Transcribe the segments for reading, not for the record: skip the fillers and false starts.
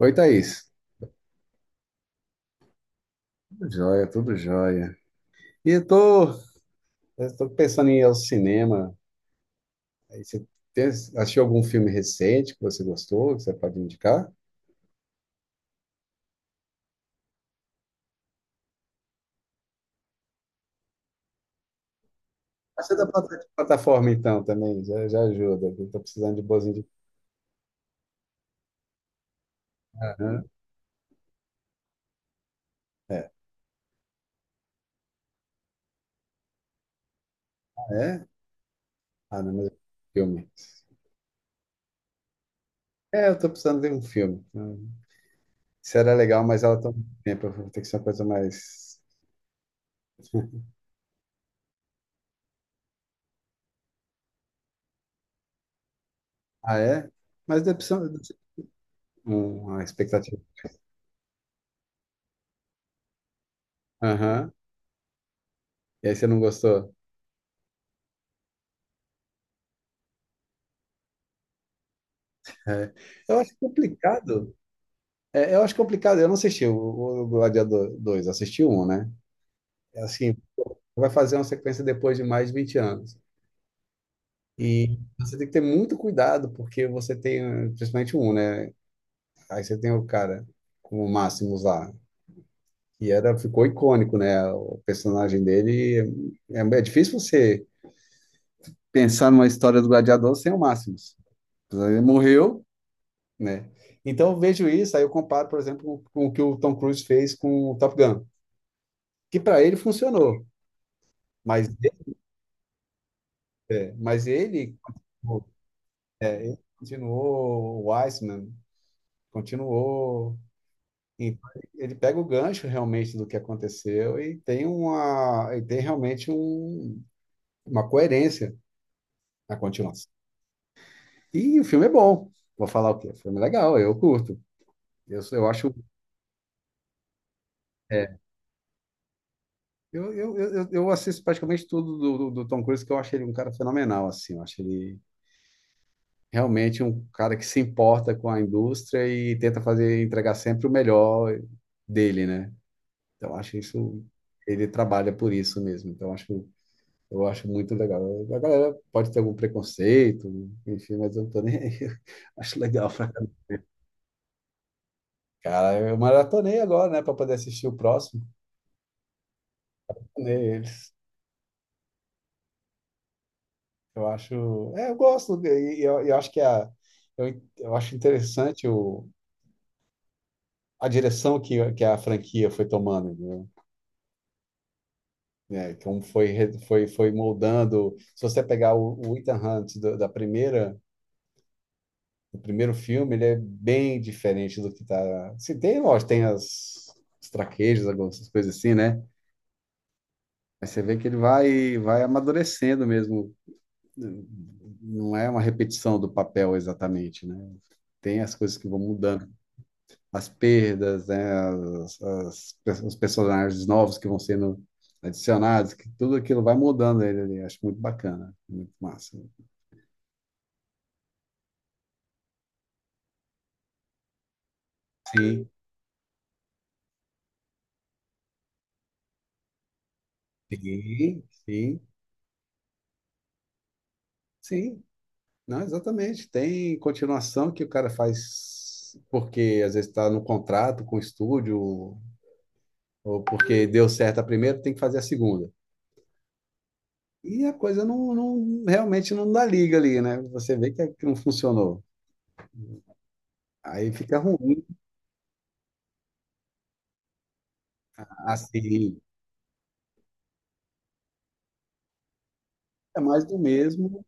Oi, Thaís. Tudo jóia, tudo jóia. E eu tô pensando em ir ao cinema. Aí você assistiu algum filme recente que você gostou, que você pode indicar? Ah, você é da plataforma, então, também, já ajuda. Eu tô precisando de boas indicações. É. Ah, é? Ah, não, mas é filme. É, eu tô precisando de um filme. Hum. Isso era legal, mas ela toma muito tempo. Tem que ser uma coisa mais... Ah, é? Mas decepção... a expectativa. Aham. E aí você não gostou? É. Eu acho complicado. É, eu acho complicado. Eu não assisti o Gladiador 2, assisti um, né? É assim, vai fazer uma sequência depois de mais de 20 anos. E você tem que ter muito cuidado, porque você tem, principalmente um, né? Aí você tem o cara com o Máximos lá, que era, ficou icônico, né? O personagem dele. É difícil você pensar numa história do Gladiador sem o Máximos. Ele morreu, né? Então eu vejo isso, aí eu comparo, por exemplo, com o que o Tom Cruise fez com o Top Gun, que para ele funcionou. Mas, é, mas ele continuou, continuou, o Weissman continuou. Então, ele pega o gancho realmente do que aconteceu e tem uma, e tem realmente um, uma coerência na continuação. E o filme é bom. Vou falar o quê? O filme é legal, eu curto. Eu acho. É, eu assisto praticamente tudo do Tom Cruise, que eu acho ele um cara fenomenal, assim. Eu acho ele realmente um cara que se importa com a indústria e tenta fazer entregar sempre o melhor dele, né? Então acho isso ele trabalha por isso mesmo. Então acho eu acho muito legal. A galera pode ter algum preconceito, enfim, mas eu não tô nem aí. Acho legal pra caralho. Cara, eu maratonei agora, né, para poder assistir o próximo. Neles. Eu acho, é, eu gosto e eu acho que é a eu acho interessante o, a direção que a franquia foi tomando, né? Né, que um foi, foi, foi moldando. Se você pegar o Ethan Hunt da primeira, do primeiro filme, ele é bem diferente do que tá. Se tem, lógico, tem as, os traquejos, algumas coisas assim, né? Mas você vê que ele vai amadurecendo mesmo. Não é uma repetição do papel exatamente, né? Tem as coisas que vão mudando, as perdas, né, os personagens novos que vão sendo adicionados, que tudo aquilo vai mudando ele ali. Acho muito bacana, muito massa. Sim, sim, sim, sim. Não, exatamente. Tem continuação que o cara faz porque às vezes está no contrato com o estúdio, ou porque deu certo a primeira, tem que fazer a segunda. E a coisa realmente não dá liga ali, né? Você vê que, é que não funcionou. Aí fica ruim, assim, é mais do mesmo.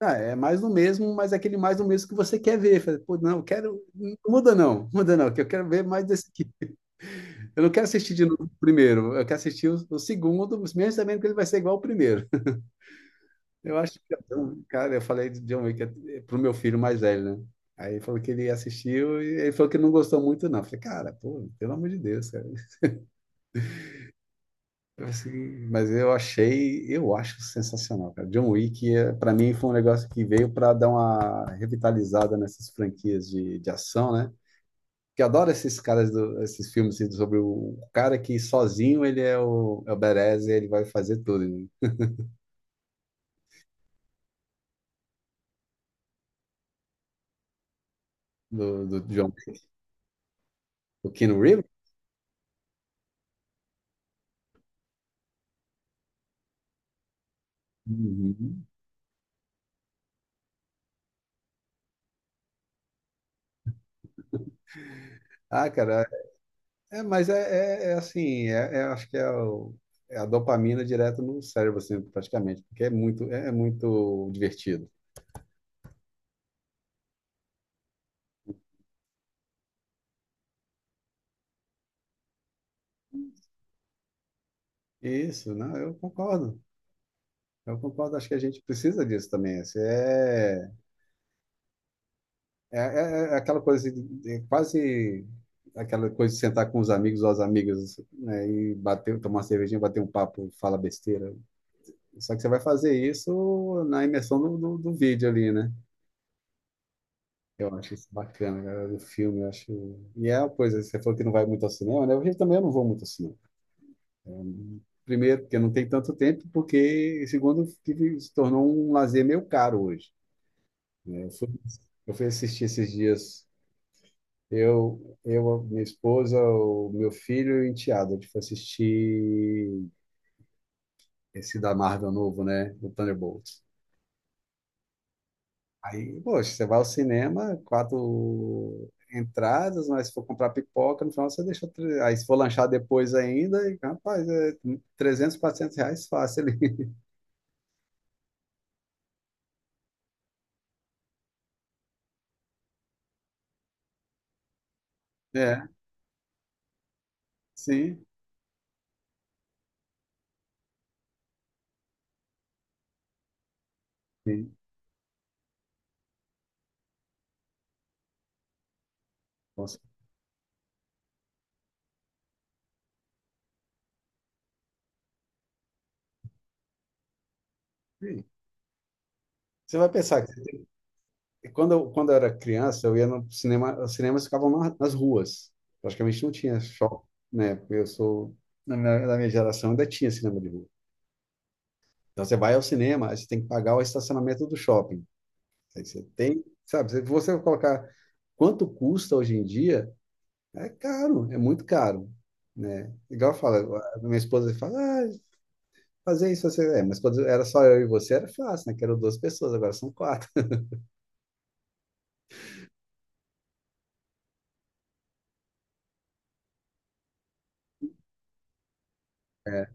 Ah, é mais do mesmo, mas é aquele mais do mesmo que você quer ver. Fala, pô, não, eu quero. Não muda não, muda não, que eu quero ver mais desse aqui. Eu não quero assistir de novo o primeiro, eu quero assistir o segundo, mesmo sabendo que ele vai ser igual ao primeiro. Eu acho que, então, cara, eu falei de John Wick pro meu filho mais velho, né? Aí ele falou que ele assistiu e ele falou que não gostou muito, não. Eu falei, cara, pô, pelo amor de Deus, cara. Eu assim, mas eu achei, eu acho sensacional, cara. John Wick, é, para mim, foi um negócio que veio para dar uma revitalizada nessas franquias de ação, né? Que eu adoro esses caras, esses filmes assim, sobre o cara que sozinho ele é o, é o badass e ele vai fazer tudo, né? Do John Wick. O Keanu Reeves? Uhum. Ah, cara, é, mas é, é assim, é, acho que é, é a dopamina direto no cérebro, assim, praticamente, porque é muito, é muito divertido. Isso, não, eu concordo. Eu concordo, acho que a gente precisa disso também. Assim, é, é, é aquela coisa, é quase aquela coisa de sentar com os amigos ou as amigas, né, e bater, tomar uma cervejinha, bater um papo, fala besteira. Só que você vai fazer isso na imersão do vídeo ali, né? Eu acho isso bacana, cara, do filme, eu acho. E é uma coisa, você falou que não vai muito ao cinema, né? Eu também não vou muito ao cinema. Primeiro, porque não tem tanto tempo, porque, segundo, que se tornou um lazer meio caro hoje, né? Eu fui assistir esses dias. Eu, a minha esposa, o meu filho e o enteado. A gente foi assistir esse da Marvel novo, né? O Thunderbolts. Aí, poxa, você vai ao cinema, quatro entradas, mas se for comprar pipoca, no final você deixa. Aí, se for lanchar depois ainda, e, rapaz, é 300, R$ 400 fácil ali. É, sim, sim, com certeza. Você vai pensar que e quando eu, quando eu era criança, eu ia no cinema, os cinemas ficavam nas ruas. Praticamente não tinha shopping, né? Porque eu sou, na minha geração ainda tinha cinema de rua. Então você vai ao cinema, aí você tem que pagar o estacionamento do shopping. Aí você tem, sabe? Se você colocar quanto custa hoje em dia, é caro, é muito caro, né? Igual eu falo, a minha esposa fala, ah, fazer isso, você... É, mas quando era só eu e você era fácil, né? Que eram duas pessoas, agora são quatro. É.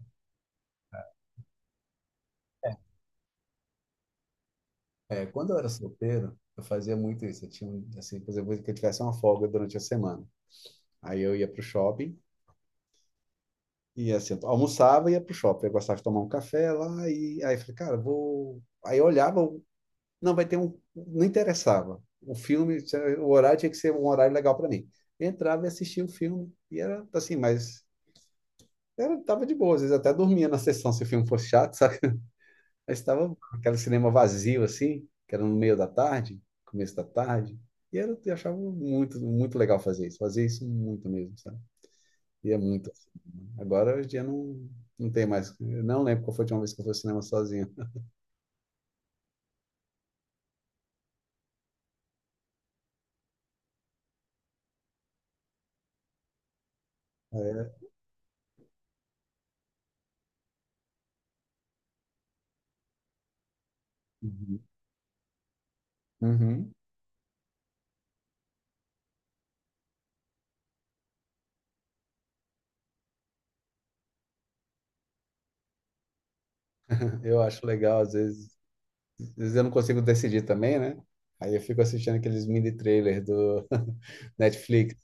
É, quando eu era solteiro, eu fazia muito isso. Eu tinha, assim, por exemplo, que eu tivesse uma folga durante a semana. Aí eu ia pro shopping e, assim, eu almoçava e ia pro shopping. Eu gostava de tomar um café lá e aí eu falei, cara, vou... Aí eu olhava, não, vai ter um... Não interessava. O filme, o horário tinha que ser um horário legal para mim. Eu entrava e assistia o filme e era, assim, mas... Era, tava de boa, às vezes até dormia na sessão se o filme fosse chato, sabe? Aí estava aquele cinema vazio, assim, que era no meio da tarde, começo da tarde. E era, eu achava muito, muito legal fazer isso. Fazer isso muito mesmo, sabe? E é muito assim, né? Agora, hoje em dia, não, não tem mais. Eu não lembro qual foi a última vez que eu fui ao cinema sozinho. É. Uhum. Uhum. Eu acho legal, às vezes eu não consigo decidir também, né? Aí eu fico assistindo aqueles mini trailers do Netflix.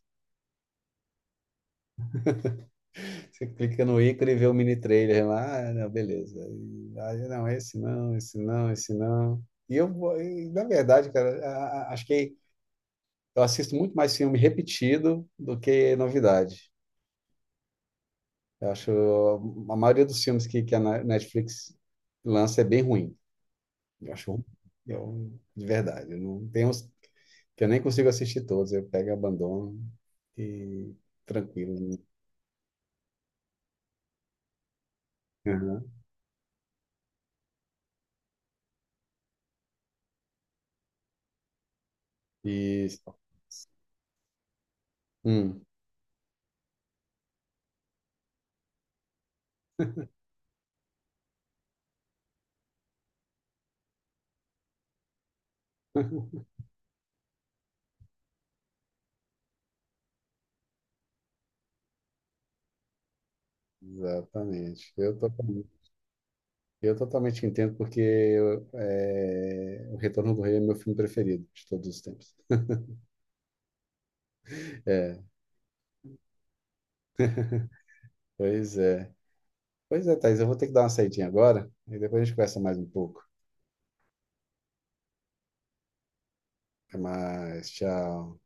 Você clica no ícone e vê o mini trailer lá, ah, não, beleza. E, aí, não, esse não, esse não, esse não. E eu, e, na verdade, cara, acho que eu assisto muito mais filme repetido do que novidade. Eu acho a maioria dos filmes que a Netflix lança é bem ruim. Eu acho ruim, eu, de verdade. Eu não tenho uns que eu nem consigo assistir todos. Eu pego e abandono e tranquilo. Uhum. E, hum, exatamente. Eu tô com eu totalmente entendo, porque é, O Retorno do Rei é meu filme preferido de todos os tempos. É, pois é. Pois é, Thaís, eu vou ter que dar uma saidinha agora, e depois a gente conversa mais um pouco. Até mais, tchau.